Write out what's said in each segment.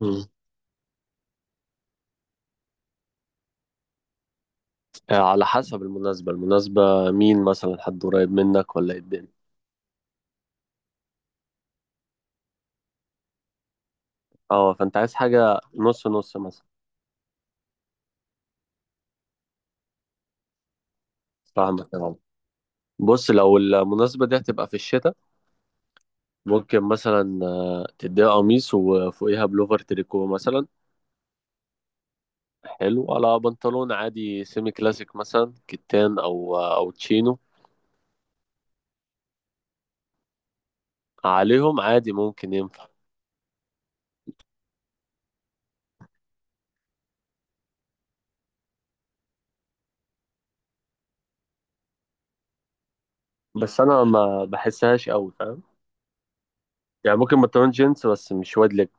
مم. على حسب المناسبة مين مثلا، حد قريب منك ولا ايه الدنيا؟ اه، فانت عايز حاجة نص نص مثلا. فاهمك يا عم. بص، لو المناسبة دي هتبقى في الشتاء ممكن مثلا تديها قميص وفوقيها بلوفر تريكو مثلا، حلو على بنطلون عادي سيمي كلاسيك مثلا كتان او او تشينو. عليهم عادي ممكن ينفع. بس انا ما بحسهاش قوي، فاهم؟ يعني ممكن بنطلون جينز بس مش واد لك.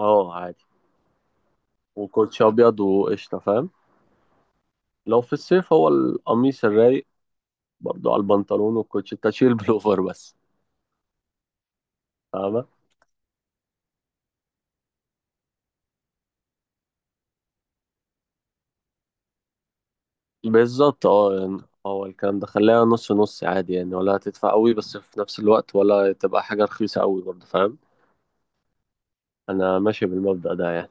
اه عادي، وكوتش ابيض وقشطة، فاهم؟ لو في الصيف هو القميص الرايق برضو على البنطلون والكوتشي، تشيل بلوفر بس. فاهمة؟ بالظبط اه يعني، هو الكلام ده خليها نص نص عادي يعني، ولا هتدفع قوي بس في نفس الوقت ولا تبقى حاجة رخيصة قوي برضو، فاهم؟ انا ماشي بالمبدأ ده يعني.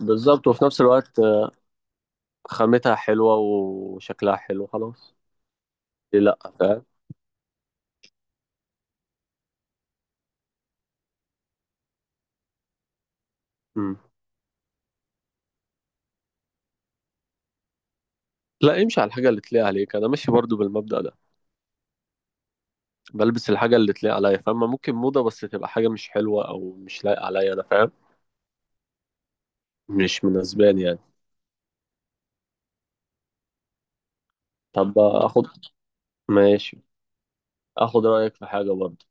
بالظبط، وفي نفس الوقت خامتها حلوة وشكلها حلو خلاص. ليه لا، فاهم؟ مم. لا، امشي على الحاجة اللي تليق عليك، انا ماشي برضو بالمبدأ ده، بلبس الحاجة اللي تليق عليا. فاهمة؟ ممكن موضة بس تبقى حاجة مش حلوة او مش لايقة عليا انا، فاهم؟ مش مناسباني يعني. طب اخد، ماشي، اخد رايك في حاجه برضه.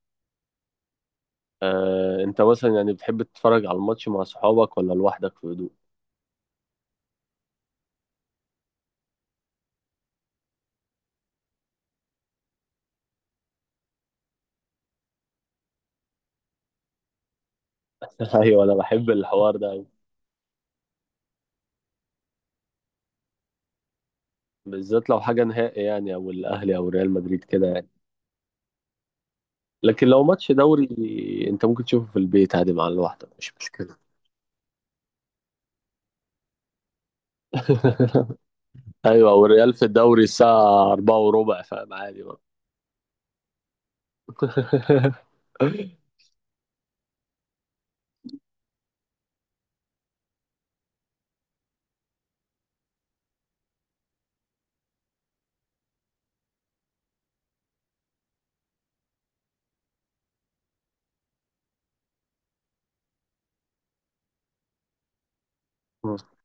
انت مثلا يعني بتحب تتفرج على الماتش مع صحابك ولا لوحدك في هدوء؟ ايوه، انا بحب الحوار ده أوي. بالذات لو حاجه نهائي يعني، او الاهلي او ريال مدريد كده يعني. لكن لو ماتش دوري انت ممكن تشوفه في البيت عادي مع لوحدك، مش مشكله. ايوه، والريال في الدوري الساعه 4 وربع فاهم، عادي برضه.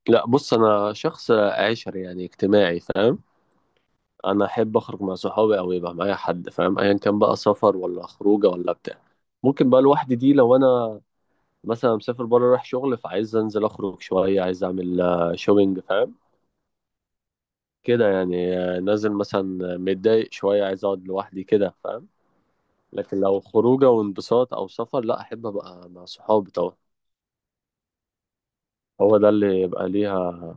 لا بص، انا شخص عشري يعني، اجتماعي، فاهم؟ انا احب اخرج مع صحابي او يبقى معايا حد، فاهم؟ ايا كان بقى، سفر ولا خروجه ولا بتاع. ممكن بقى لوحدي دي لو انا مثلا مسافر بره رايح شغل، فعايز انزل اخرج شويه، عايز اعمل شوبينج، فاهم؟ كده يعني، نازل مثلا متضايق شويه عايز اقعد لوحدي كده، فاهم؟ لكن لو خروجه وانبساط او سفر، لا، احب ابقى مع صحابي طبعا. هو ده اللي يبقى ليها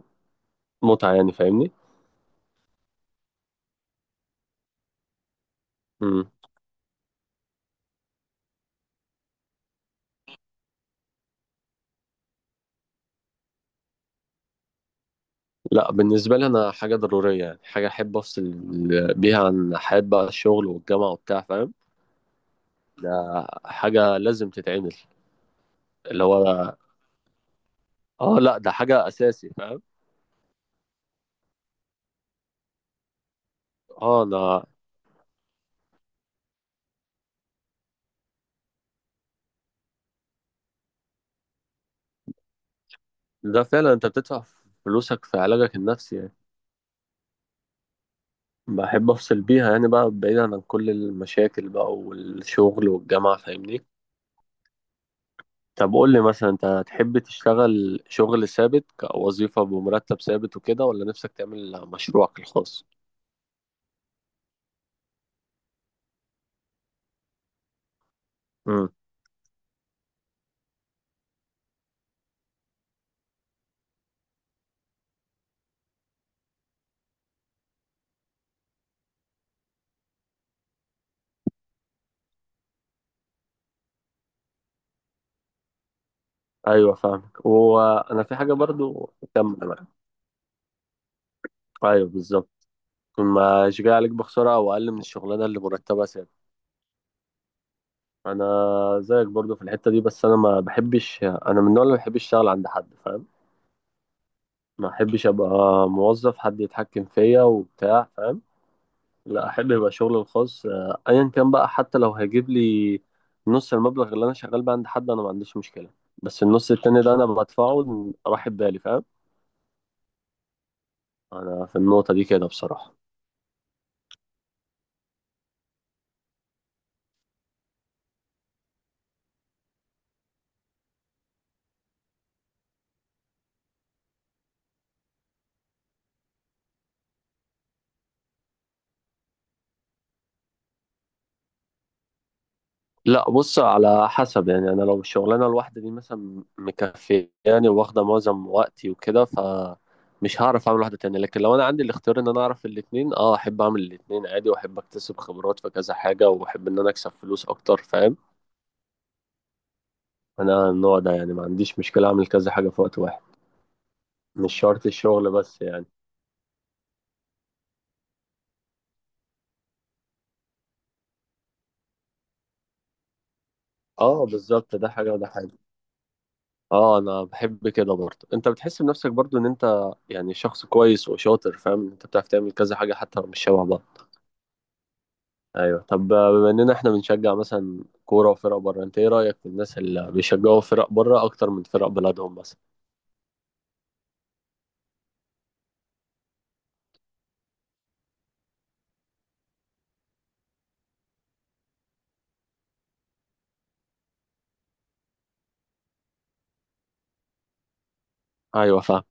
متعه يعني، فاهمني؟ امم. لا، بالنسبة لي أنا حاجة ضرورية يعني، حاجة أحب أفصل بيها عن حياة بقى الشغل والجامعة وبتاع، فاهم؟ ده حاجة لازم تتعمل. اللي هو اه لا، ده حاجة أساسي، فاهم؟ اه أنا، ده فعلا أنت بتدفع فلوسك في علاجك النفسي يعني. بحب أفصل بيها يعني بقى، بعيدا عن كل المشاكل بقى والشغل والجامعة، فاهمني؟ طب قول لي مثلا، أنت تحب تشتغل شغل ثابت كوظيفة بمرتب ثابت وكده، ولا نفسك تعمل مشروعك الخاص؟ امم. أيوه فاهمك، وأنا في حاجة برضو، كمل بقى. أيوه بالظبط، ما مش جاي عليك بخسارة أو أقل من الشغلانة اللي مرتبها ثابت. انا زيك برضو في الحته دي، بس انا ما بحبش، انا من النوع اللي ما بحبش اشتغل عند حد، فاهم؟ ما بحبش ابقى موظف حد يتحكم فيا وبتاع، فاهم؟ لا، احب يبقى شغلي الخاص ايا كان بقى، حتى لو هيجيب لي نص المبلغ اللي انا شغال بيه عند حد انا ما عنديش مشكله، بس النص التاني ده انا بدفعه راح بالي، فاهم؟ انا في النقطه دي كده بصراحه. لا بص، على حسب يعني، انا لو الشغلانه الواحده دي مثلا مكفياني واخده معظم وقتي وكده فمش هعرف اعمل واحده تانية، لكن لو انا عندي الاختيار ان انا اعرف الاتنين اه احب اعمل الاتنين عادي، واحب اكتسب خبرات في كذا حاجه، واحب ان انا اكسب فلوس اكتر، فاهم؟ انا النوع ده يعني، ما عنديش مشكله اعمل كذا حاجه في وقت واحد. مش شرط الشغل بس يعني. اه بالظبط، ده حاجه وده حاجه. اه انا بحب كده برضه، انت بتحس بنفسك برضه ان انت يعني شخص كويس وشاطر، فاهم؟ انت بتعرف تعمل كذا حاجه حتى لو مش شبه بعض. ايوه، طب بما اننا احنا بنشجع مثلا كوره وفرق بره، انت ايه رايك في الناس اللي بيشجعوا فرق بره اكتر من فرق بلدهم مثلا؟ ايوه فاهم.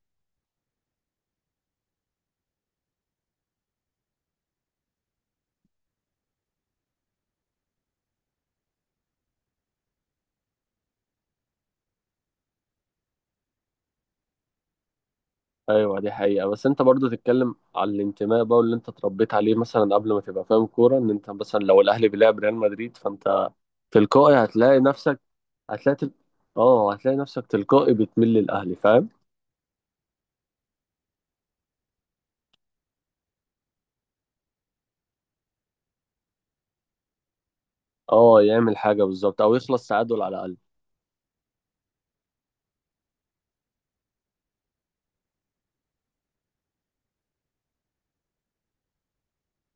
ايوه دي حقيقه، بس انت برضو تتكلم على الانتماء بقى واللي انت اتربيت عليه، مثلا قبل ما تبقى فاهم كوره، ان انت مثلا لو الاهلي بيلعب ريال مدريد فانت تلقائي هتلاقي نفسك، هتلاقي تل... اه هتلاقي نفسك تلقائي بتميل للاهلي، فاهم؟ اه يعمل حاجه بالظبط، او يخلص تعادل على الاقل.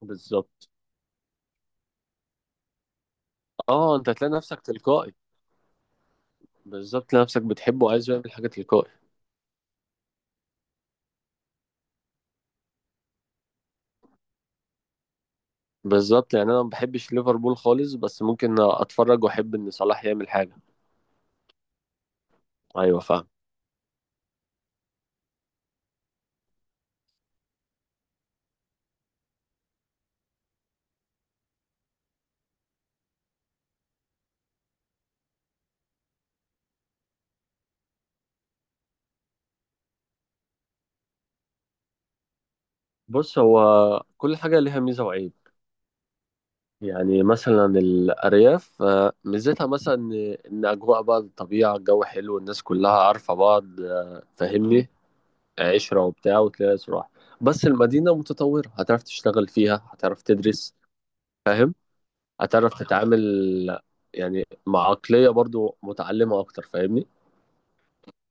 بالظبط، اه انت هتلاقي نفسك تلقائي. بالظبط، تلاقي نفسك بتحبه وعايز يعمل حاجه تلقائي. بالظبط، يعني انا ما بحبش ليفربول خالص بس ممكن اتفرج واحب ان صلاح يعمل حاجه. ايوه فاهم. بص هو كل حاجه ليها ميزه وعيب، يعني مثلا الارياف ميزتها مثلا إن اجواء بقى الطبيعه، الجو حلو، الناس كلها عارفه بعض، فاهمني؟ عشره وبتاع وتلاقي صراحه. بس المدينه متطوره، هتعرف تشتغل فيها، هتعرف تدرس، فاهم؟ هتعرف تتعامل يعني مع عقليه برضو متعلمه اكتر، فاهمني؟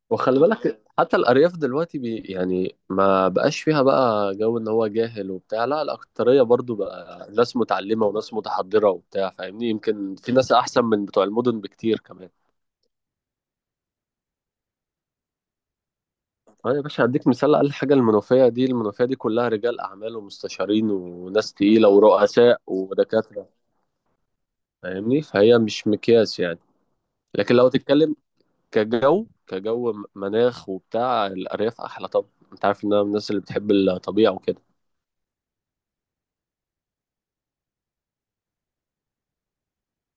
وخلي بالك، حتى الأرياف دلوقتي يعني ما بقاش فيها بقى جو إن هو جاهل وبتاع، لا، الأكترية برضو بقى ناس متعلمة وناس متحضرة وبتاع، فاهمني؟ يمكن في ناس أحسن من بتوع المدن بكتير كمان. أه يا باشا، هديك مثال، أقل حاجة المنوفية دي، المنوفية دي كلها رجال أعمال ومستشارين وناس تقيلة ورؤساء ودكاترة، فاهمني؟ فهي مش مقياس يعني. لكن لو تتكلم كجو، مناخ وبتاع، الأرياف أحلى. طب أنت عارف إن أنا من الناس اللي بتحب الطبيعة وكده.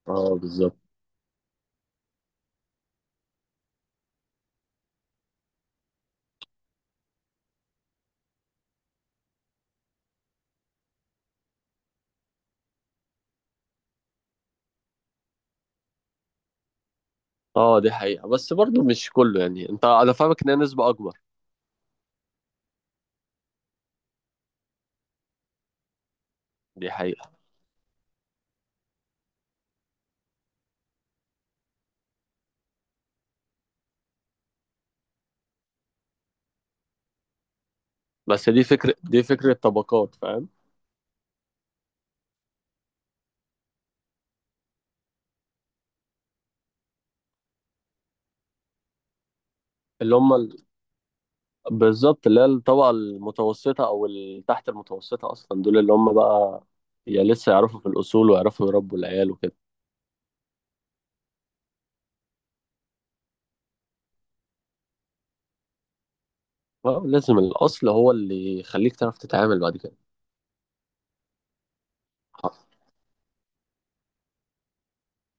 اه بالظبط. اه دي حقيقة، بس برضو مش كله يعني، انت انا فاهمك، ان هي نسبة اكبر. دي حقيقة. بس دي فكرة، دي فكرة طبقات، فاهم؟ اللي هم ال- بالظبط، اللي هي الطبقة المتوسطة او تحت المتوسطة اصلا، دول اللي هم بقى يا لسه يعرفوا في الاصول ويعرفوا يربوا العيال وكده. اه لازم، الاصل هو اللي يخليك تعرف تتعامل بعد كده. ح-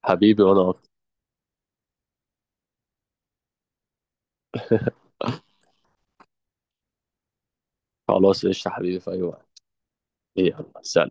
حبيبي وانا أكتر. خلاص قشطة حبيبي، في اي وقت. يلا سلام.